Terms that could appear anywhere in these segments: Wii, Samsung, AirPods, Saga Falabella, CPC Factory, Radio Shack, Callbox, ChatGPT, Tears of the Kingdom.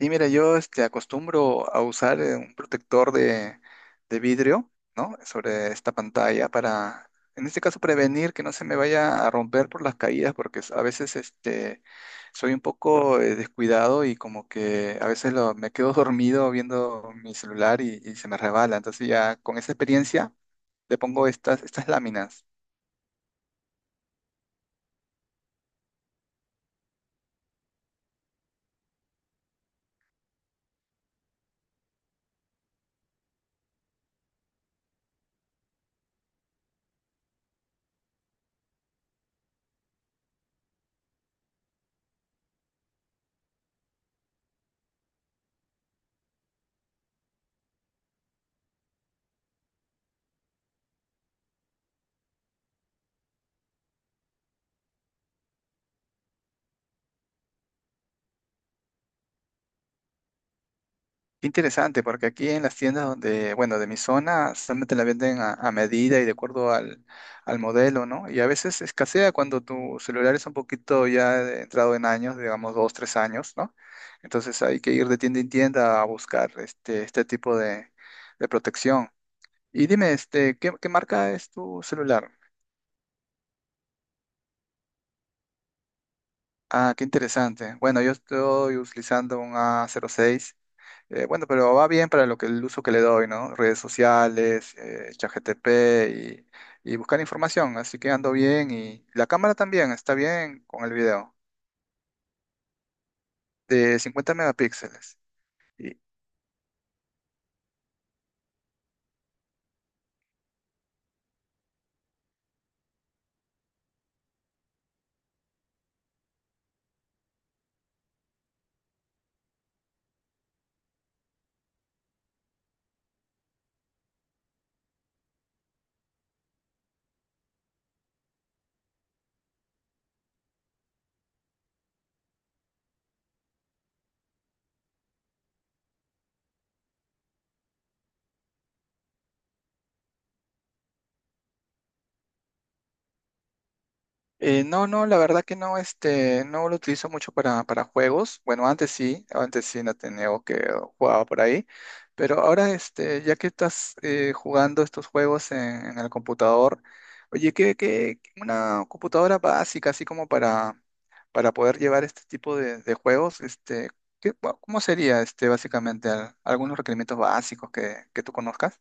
Sí, mira, acostumbro a usar un protector de vidrio, ¿no? Sobre esta pantalla para, en este caso, prevenir que no se me vaya a romper por las caídas, porque a veces soy un poco descuidado y como que a veces me quedo dormido viendo mi celular y se me resbala. Entonces ya con esa experiencia le pongo estas láminas. Qué interesante, porque aquí en las tiendas donde, bueno, de mi zona, solamente la venden a medida y de acuerdo al modelo, ¿no? Y a veces escasea cuando tu celular es un poquito ya entrado en años, digamos dos, tres años, ¿no? Entonces hay que ir de tienda en tienda a buscar este tipo de protección. Y dime, este, ¿qué, qué marca es tu celular? Ah, qué interesante. Bueno, yo estoy utilizando un A06. Bueno, pero va bien para lo que el uso que le doy, ¿no? Redes sociales, ChatGPT y buscar información. Así que ando bien y la cámara también está bien con el video de 50 megapíxeles. No, no, la verdad que no, este, no lo utilizo mucho para juegos. Bueno, antes sí no tenía o que jugaba por ahí. Pero ahora, este, ya que estás jugando estos juegos en el computador, oye, que una computadora básica, así como para poder llevar este tipo de juegos, este, bueno, ¿cómo sería este básicamente? Algunos requerimientos básicos que tú conozcas?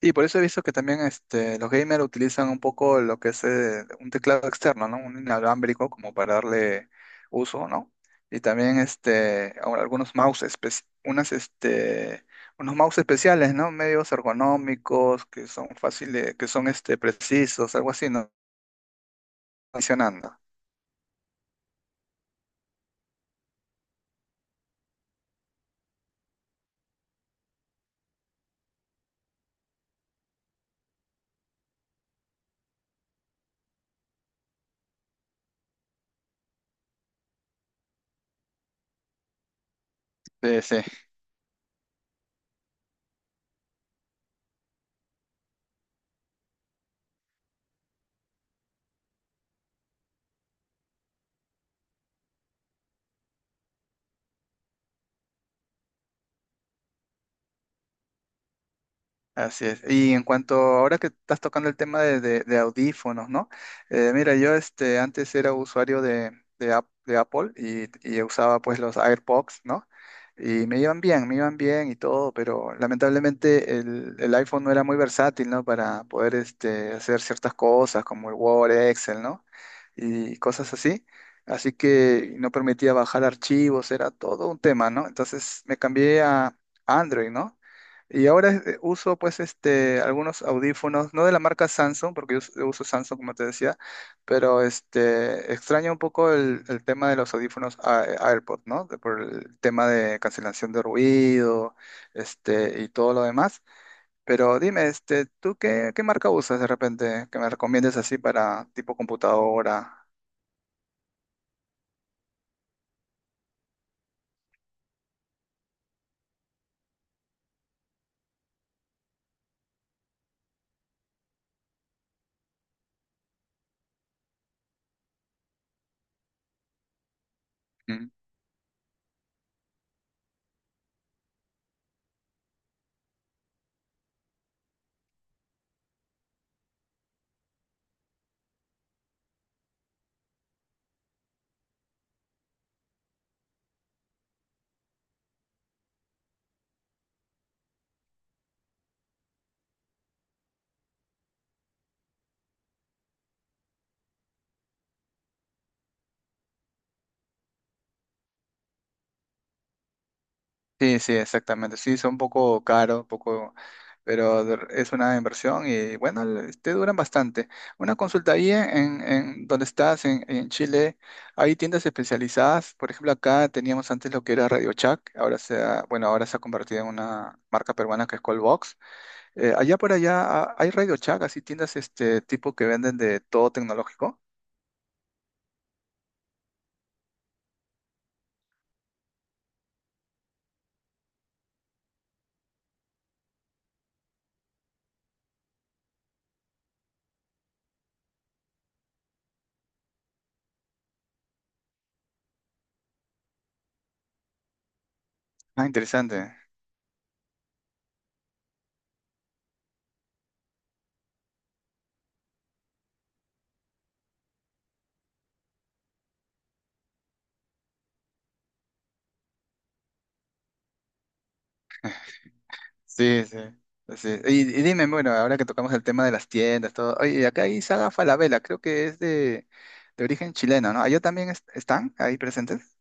Y por eso he visto que también este, los gamers utilizan un poco lo que es un teclado externo, ¿no? Un inalámbrico como para darle uso, ¿no? Y también este, ahora algunos mouse, unas, este, unos mouse especiales, ¿no? Medios ergonómicos, que son fáciles, que son este, precisos, algo así, ¿no? Funcionando. Sí, sí. Así es. Y en cuanto ahora que estás tocando el tema de audífonos, ¿no? Mira, yo este, antes era usuario de Apple y usaba pues los AirPods, ¿no? Y me iban bien y todo, pero lamentablemente el iPhone no era muy versátil, ¿no? Para poder este, hacer ciertas cosas como el Word, Excel, ¿no? Y cosas así. Así que no permitía bajar archivos, era todo un tema, ¿no? Entonces me cambié a Android, ¿no? Y ahora uso pues este algunos audífonos, no de la marca Samsung, porque yo uso Samsung como te decía, pero este extraño un poco el tema de los audífonos AirPods, ¿no? Por el tema de cancelación de ruido, este, y todo lo demás. Pero dime, este, ¿tú qué, qué marca usas de repente que me recomiendes así para tipo computadora? Mm. Sí, sí, exactamente. Sí, son un poco caros, un poco, pero es una inversión y bueno, te duran bastante. Una consulta ahí en donde estás, en Chile, hay tiendas especializadas. Por ejemplo, acá teníamos antes lo que era Radio Shack, ahora se ha, bueno, ahora se ha convertido en una marca peruana que es Callbox. Allá por allá ah, hay Radio Shack, así tiendas este tipo que venden de todo tecnológico. Ah, interesante. Sí, sí. Sí. Y dime, bueno, ahora que tocamos el tema de las tiendas, todo. Oye, acá hay Saga Falabella, creo que es de origen chileno, ¿no? ¿Allá también están ahí presentes?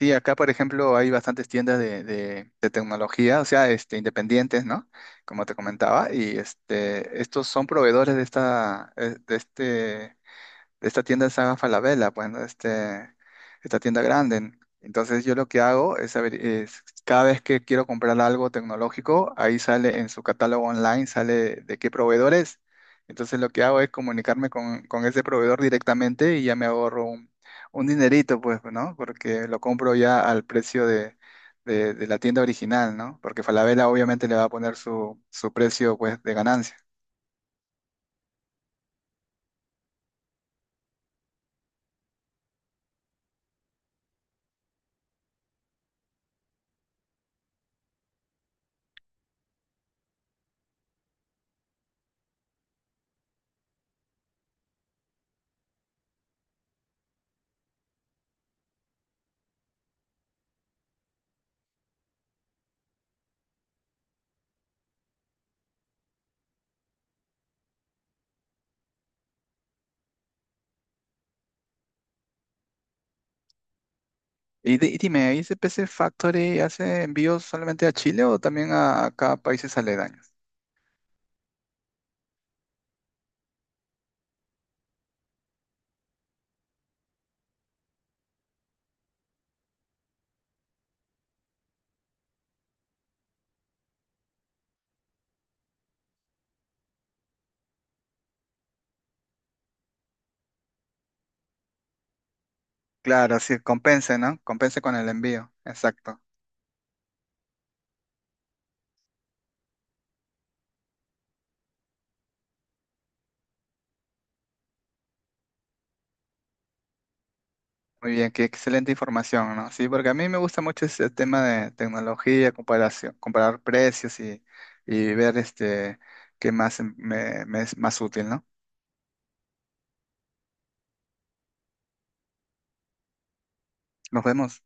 Sí, acá, por ejemplo, hay bastantes tiendas de tecnología, o sea, este, independientes, ¿no? Como te comentaba, y este, estos son proveedores de esta, de este esta tienda es Saga Falabella, bueno, este, esta tienda grande. Entonces yo lo que hago es, es cada vez que quiero comprar algo tecnológico, ahí sale en su catálogo online, sale de qué proveedor es. Entonces lo que hago es comunicarme con ese proveedor directamente y ya me ahorro un dinerito, pues, ¿no? Porque lo compro ya al precio de la tienda original, ¿no? Porque Falabella obviamente le va a poner su, su precio, pues, de ganancia. Y, y dime, ¿ahí C P C Factory hace envíos solamente a Chile o también a cada países aledaños? Claro, sí, compense, ¿no? Compense con el envío. Exacto. Muy bien, qué excelente información, ¿no? Sí, porque a mí me gusta mucho ese tema de tecnología, comparación, comparar precios y ver este qué más me, me es más útil, ¿no? Nos vemos.